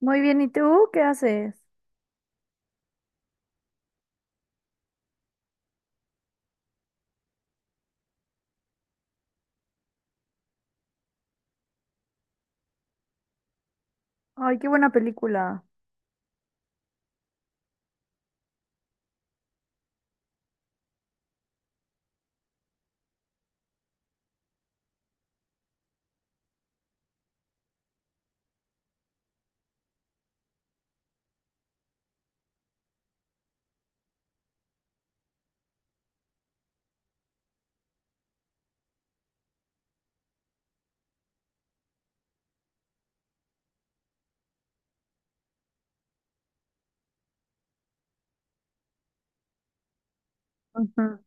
Muy bien, ¿y tú qué haces? Ay, qué buena película. Ujú.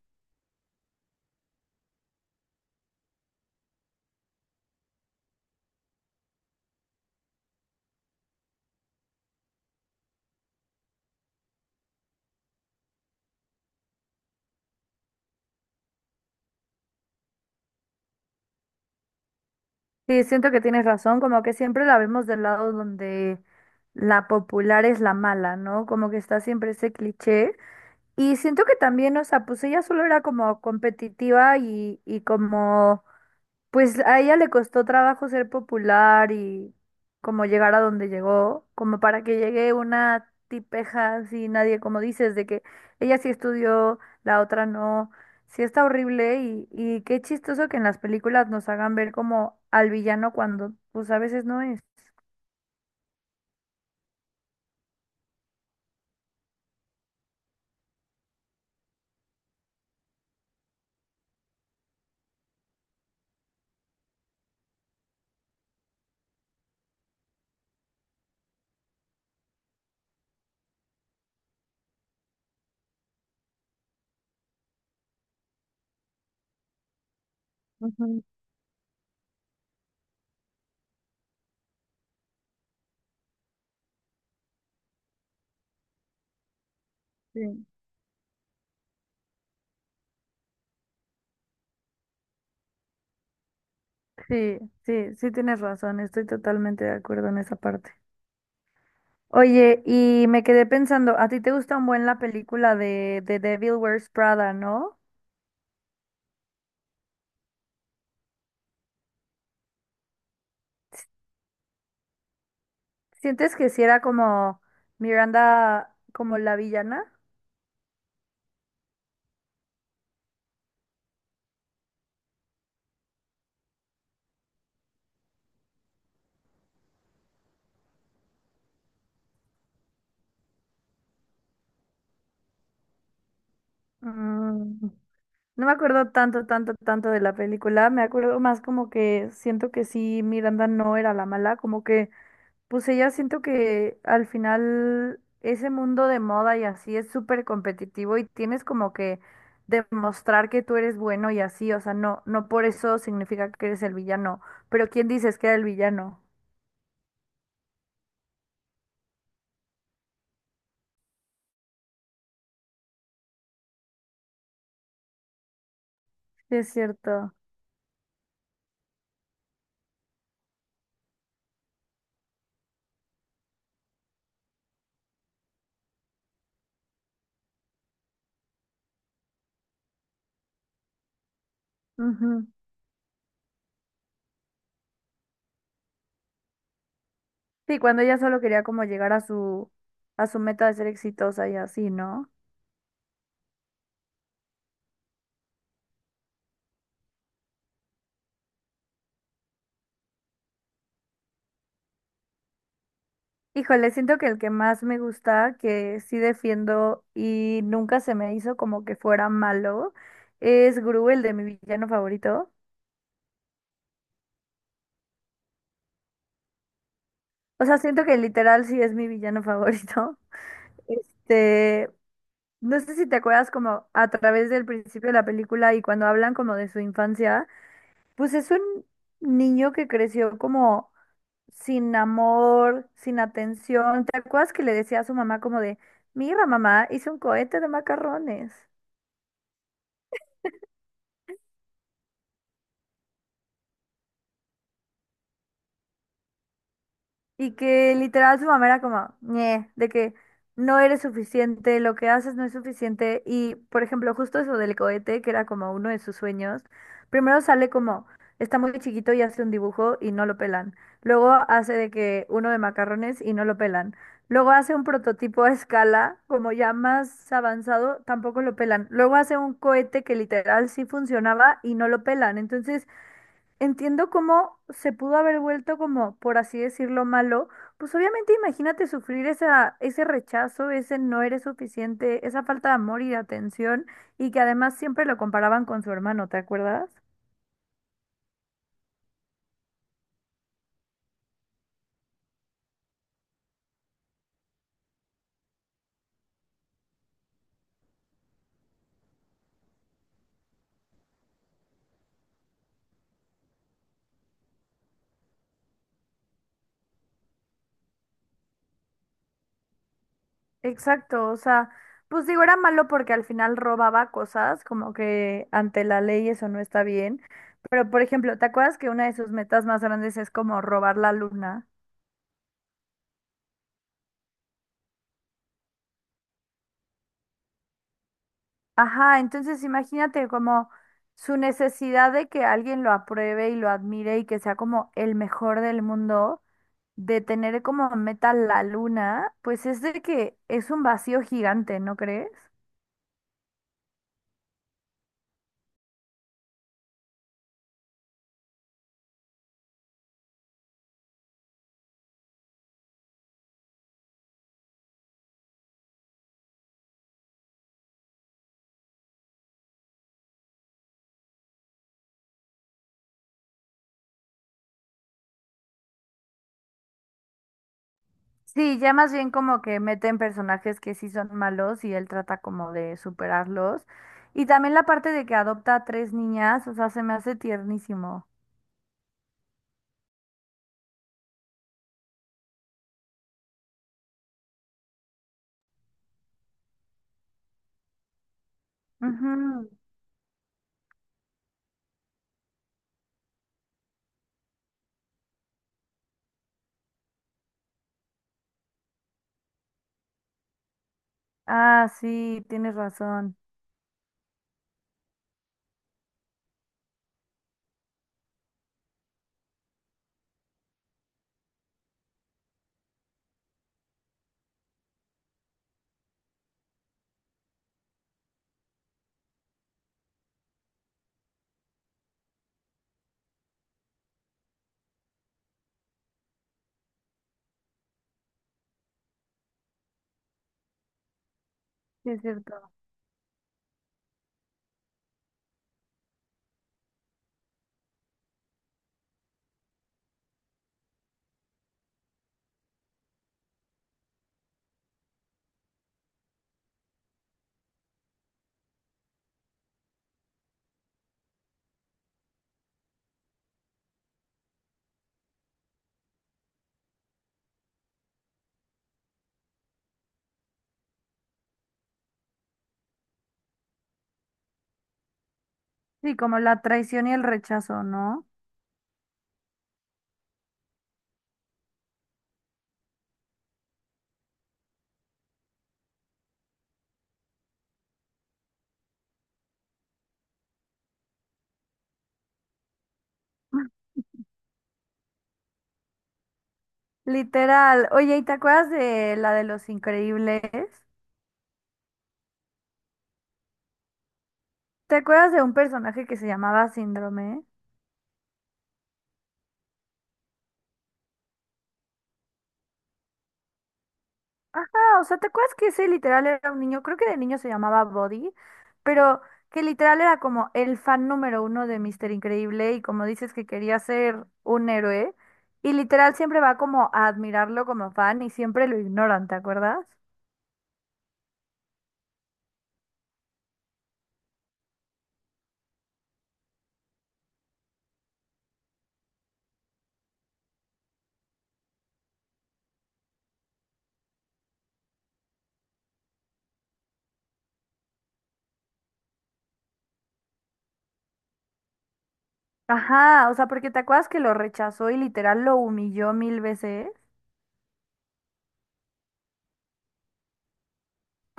Sí, siento que tienes razón, como que siempre la vemos del lado donde la popular es la mala, ¿no? Como que está siempre ese cliché. Y siento que también, o sea, pues ella solo era como competitiva y como pues a ella le costó trabajo ser popular y como llegar a donde llegó, como para que llegue una tipeja así, nadie, como dices, de que ella sí estudió, la otra no. Sí está horrible y qué chistoso que en las películas nos hagan ver como al villano cuando pues a veces no es. Ujú, sí. Sí, sí, sí tienes razón, estoy totalmente de acuerdo en esa parte. Oye, y me quedé pensando, ¿a ti te gusta un buen la película de The Devil Wears Prada, no? ¿Sientes que si era como Miranda, como la villana? Mm, No me acuerdo tanto, tanto, tanto de la película. Me acuerdo más como que siento que sí, Miranda no era la mala. Como que, pues ella siento que al final ese mundo de moda y así es súper competitivo y tienes como que demostrar que tú eres bueno y así. O sea, no, no por eso significa que eres el villano. Pero ¿quién dices que era el villano? Sí, es cierto. Sí, cuando ella solo quería como llegar a su meta de ser exitosa y así, ¿no? Híjole, siento que el que más me gusta, que sí defiendo y nunca se me hizo como que fuera malo, es Gru, el de mi villano favorito. O sea, siento que literal sí es mi villano favorito. Este, no sé si te acuerdas como a través del principio de la película y cuando hablan como de su infancia, pues es un niño que creció como sin amor, sin atención. ¿Te acuerdas que le decía a su mamá como de, mira, mamá, hice un cohete de macarrones? Y que literal su mamá era como, "Ñe", de que no eres suficiente, lo que haces no es suficiente. Y, por ejemplo, justo eso del cohete, que era como uno de sus sueños, primero sale como, está muy chiquito y hace un dibujo y no lo pelan. Luego hace de que uno de macarrones y no lo pelan. Luego hace un prototipo a escala, como ya más avanzado, tampoco lo pelan. Luego hace un cohete que literal sí funcionaba y no lo pelan. Entonces, entiendo cómo se pudo haber vuelto como, por así decirlo, malo. Pues obviamente imagínate sufrir ese rechazo, ese no eres suficiente, esa falta de amor y de atención, y que además siempre lo comparaban con su hermano, ¿te acuerdas? Exacto, o sea, pues digo, era malo porque al final robaba cosas, como que ante la ley eso no está bien. Pero, por ejemplo, ¿te acuerdas que una de sus metas más grandes es como robar la luna? Ajá, entonces imagínate como su necesidad de que alguien lo apruebe y lo admire y que sea como el mejor del mundo, de tener como meta la luna, pues es de que es un vacío gigante, ¿no crees? Sí, ya más bien como que meten personajes que sí son malos y él trata como de superarlos. Y también la parte de que adopta a tres niñas, o sea, se me hace tiernísimo. Ujú. Ah, sí, tienes razón. Sí, es cierto. Sí, como la traición y el rechazo, ¿no? Literal. Oye, ¿y te acuerdas de la de Los Increíbles? ¿Te acuerdas de un personaje que se llamaba Síndrome? Ajá, o sea, ¿te acuerdas que ese literal era un niño? Creo que de niño se llamaba Body, pero que literal era como el fan número 1 de Mister Increíble y como dices que quería ser un héroe, y literal siempre va como a admirarlo como fan y siempre lo ignoran, ¿te acuerdas? Ajá, o sea, porque te acuerdas que lo rechazó y literal lo humilló 1000 veces.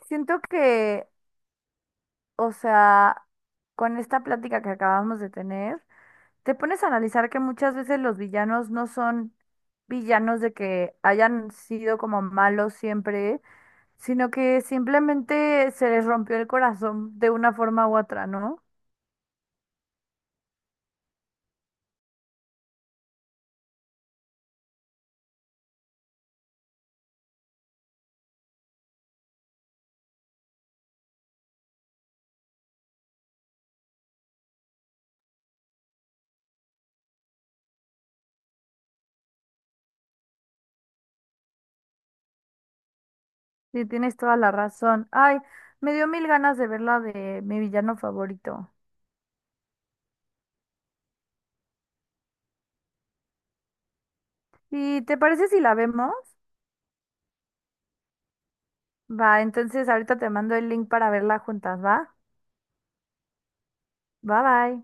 Siento que, o sea, con esta plática que acabamos de tener, te pones a analizar que muchas veces los villanos no son villanos de que hayan sido como malos siempre, sino que simplemente se les rompió el corazón de una forma u otra, ¿no? Sí, tienes toda la razón. Ay, me dio mil ganas de ver la de mi villano favorito. ¿Y te parece si la vemos? Va, entonces ahorita te mando el link para verla juntas, ¿va? Bye bye.